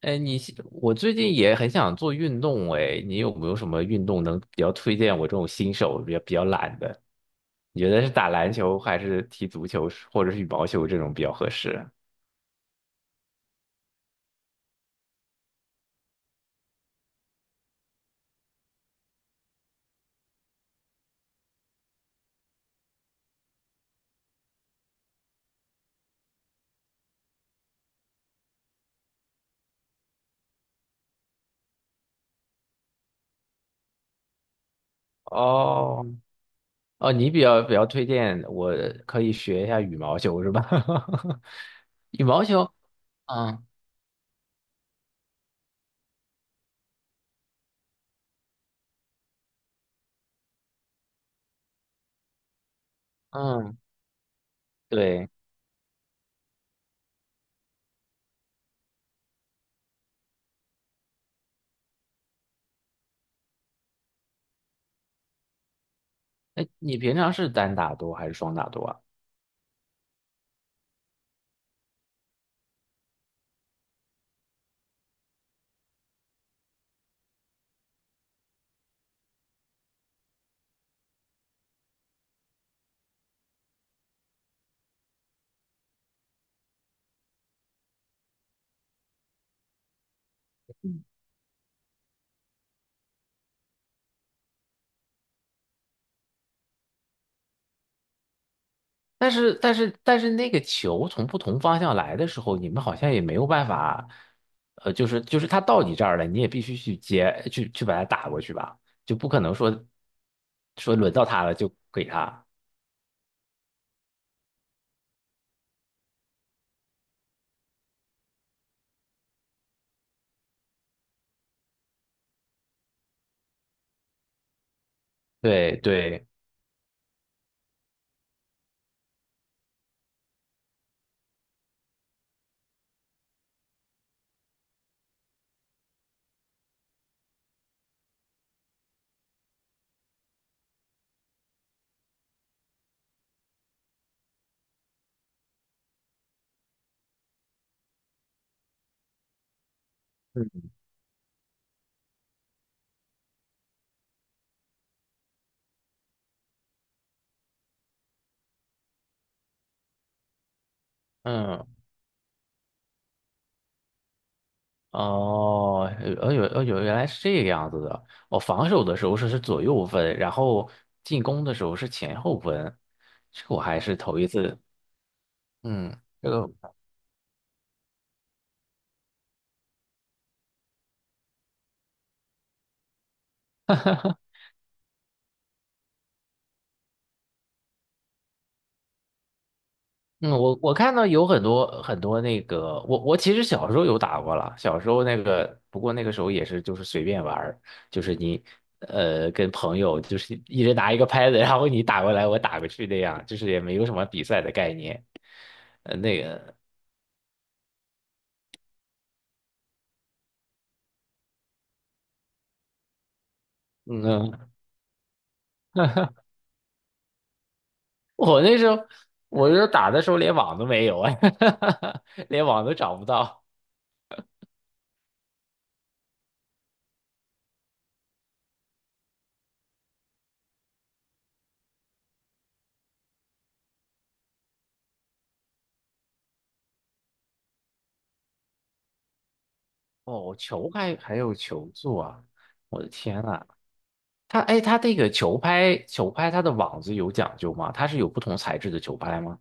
哎，你是我最近也很想做运动哎，你有没有什么运动能比较推荐我这种新手比较懒的？你觉得是打篮球还是踢足球或者是羽毛球这种比较合适？哦哦，你比较推荐我可以学一下羽毛球是吧？羽毛球，嗯嗯，对。哎，你平常是单打多还是双打多啊？但是那个球从不同方向来的时候，你们好像也没有办法，呃，就是他到你这儿了，你也必须去接，去把它打过去吧，就不可能说轮到他了就给他。对对，嗯嗯，哦，呃有，原来是这个样子的。我防守的时候是左右分，然后进攻的时候是前后分，这个我还是头一次。嗯，这个。嗯，我看到有很多那个，我其实小时候有打过了，小时候那个，不过那个时候也是就是随便玩儿，就是你呃跟朋友就是一人拿一个拍子，然后你打过来我打过去那样，就是也没有什么比赛的概念。呃，那个，嗯，我那时候我那时候打的时候连网都没有啊，连网都找不到。哦，球还有球座啊，我的天呐！它哎，它这个球拍它的网子有讲究吗？它是有不同材质的球拍吗？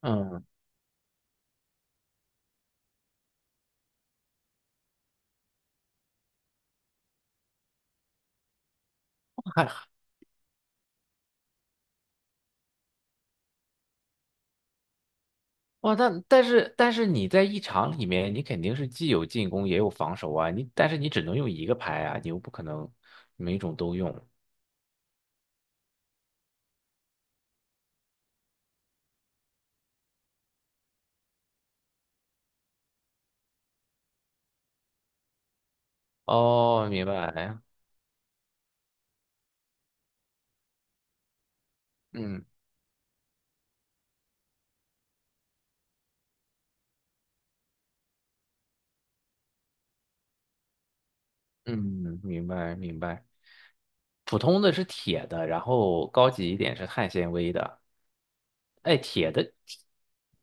嗯，还哇，但是你在一场里面，你肯定是既有进攻也有防守啊，你但是你只能用一个拍啊，你又不可能每种都用。哦，明白，嗯嗯，明白明白。普通的是铁的，然后高级一点是碳纤维的。哎，铁的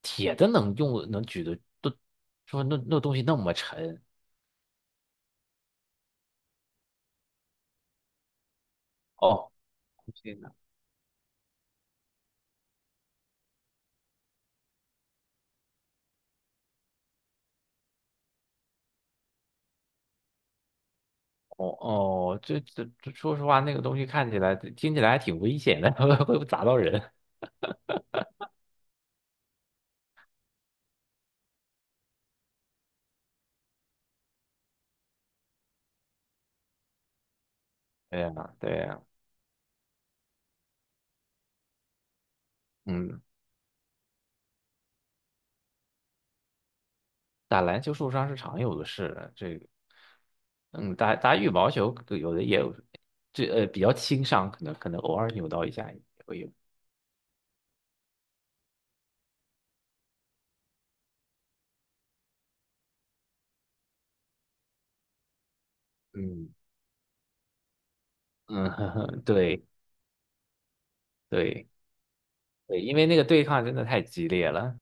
铁的能用能举的都说那那东西那么沉。哦，天呐，哦哦，这，说实话，那个东西看起来、听起来还挺危险的，会不会砸到人？对呀，对呀，嗯，打篮球受伤是常有的事，这个，嗯，打羽毛球有的也有，这呃比较轻伤，可能偶尔扭到一下也会有。嗯嗯，对对对，因为那个对抗真的太激烈了。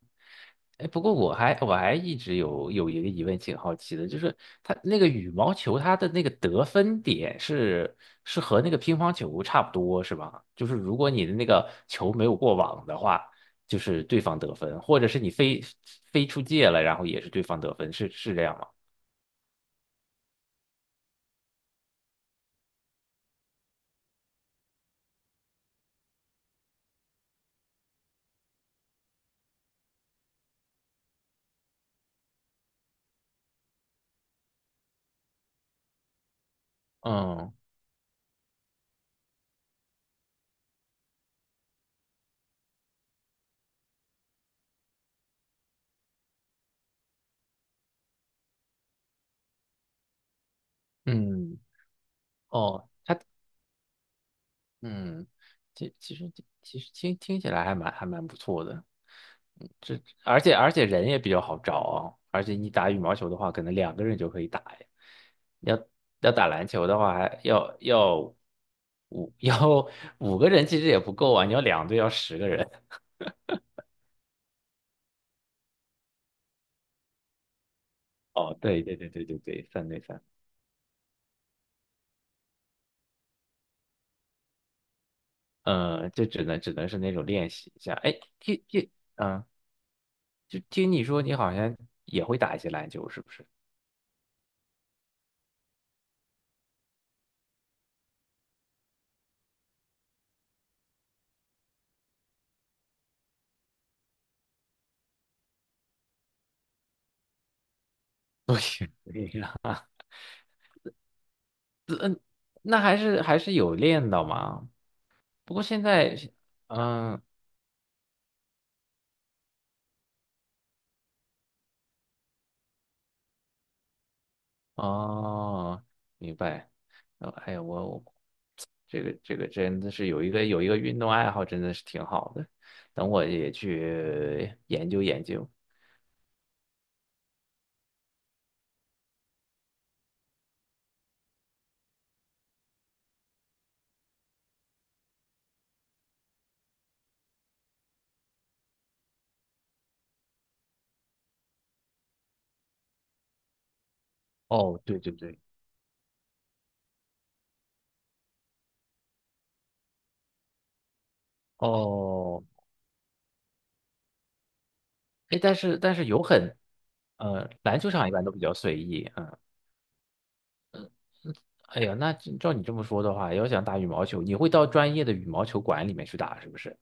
哎，不过我还一直有一个疑问，挺好奇的，就是它那个羽毛球，它的那个得分点是和那个乒乓球差不多是吧？就是如果你的那个球没有过网的话，就是对方得分，或者是你飞出界了，然后也是对方得分，是这样吗？嗯嗯，哦，嗯，其实其实听起来还蛮不错的，嗯，这而且人也比较好找啊，而且你打羽毛球的话，可能两个人就可以打呀。要要打篮球的话，还要五 要五个人其实也不够啊，你要两队要十个人。哦，对对对对对对，三对三，嗯，就只能是那种练习一下。哎，听听，嗯，就听你说你好像也会打一些篮球，是不是？行，我对，对啊。那还是有练到嘛。不过现在，嗯，哦，明白。呃哎呀，我这个真的是有一个运动爱好，真的是挺好的。等我也去研究研究。哦，对对对，哦，哎，但是但是有很，呃，篮球场一般都比较随意，嗯，哎呀，那照你这么说的话，要想打羽毛球，你会到专业的羽毛球馆里面去打，是不是？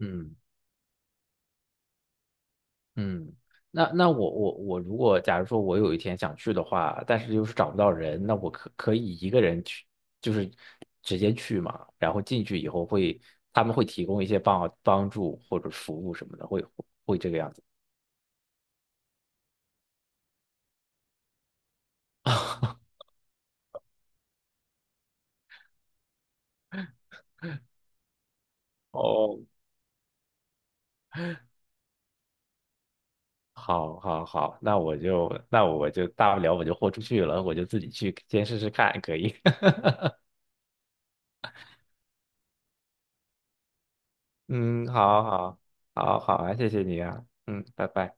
嗯。嗯，那那我如果假如说我有一天想去的话，但是又是找不到人，那我可以一个人去，就是直接去嘛，然后进去以后会他们会提供一些帮助或者服务什么的，会会这个样子。哦，好，好，好，那我就大不了我就豁出去了，我就自己去先试试看，可以。嗯，好，好，好，好啊，谢谢你啊，嗯，拜拜。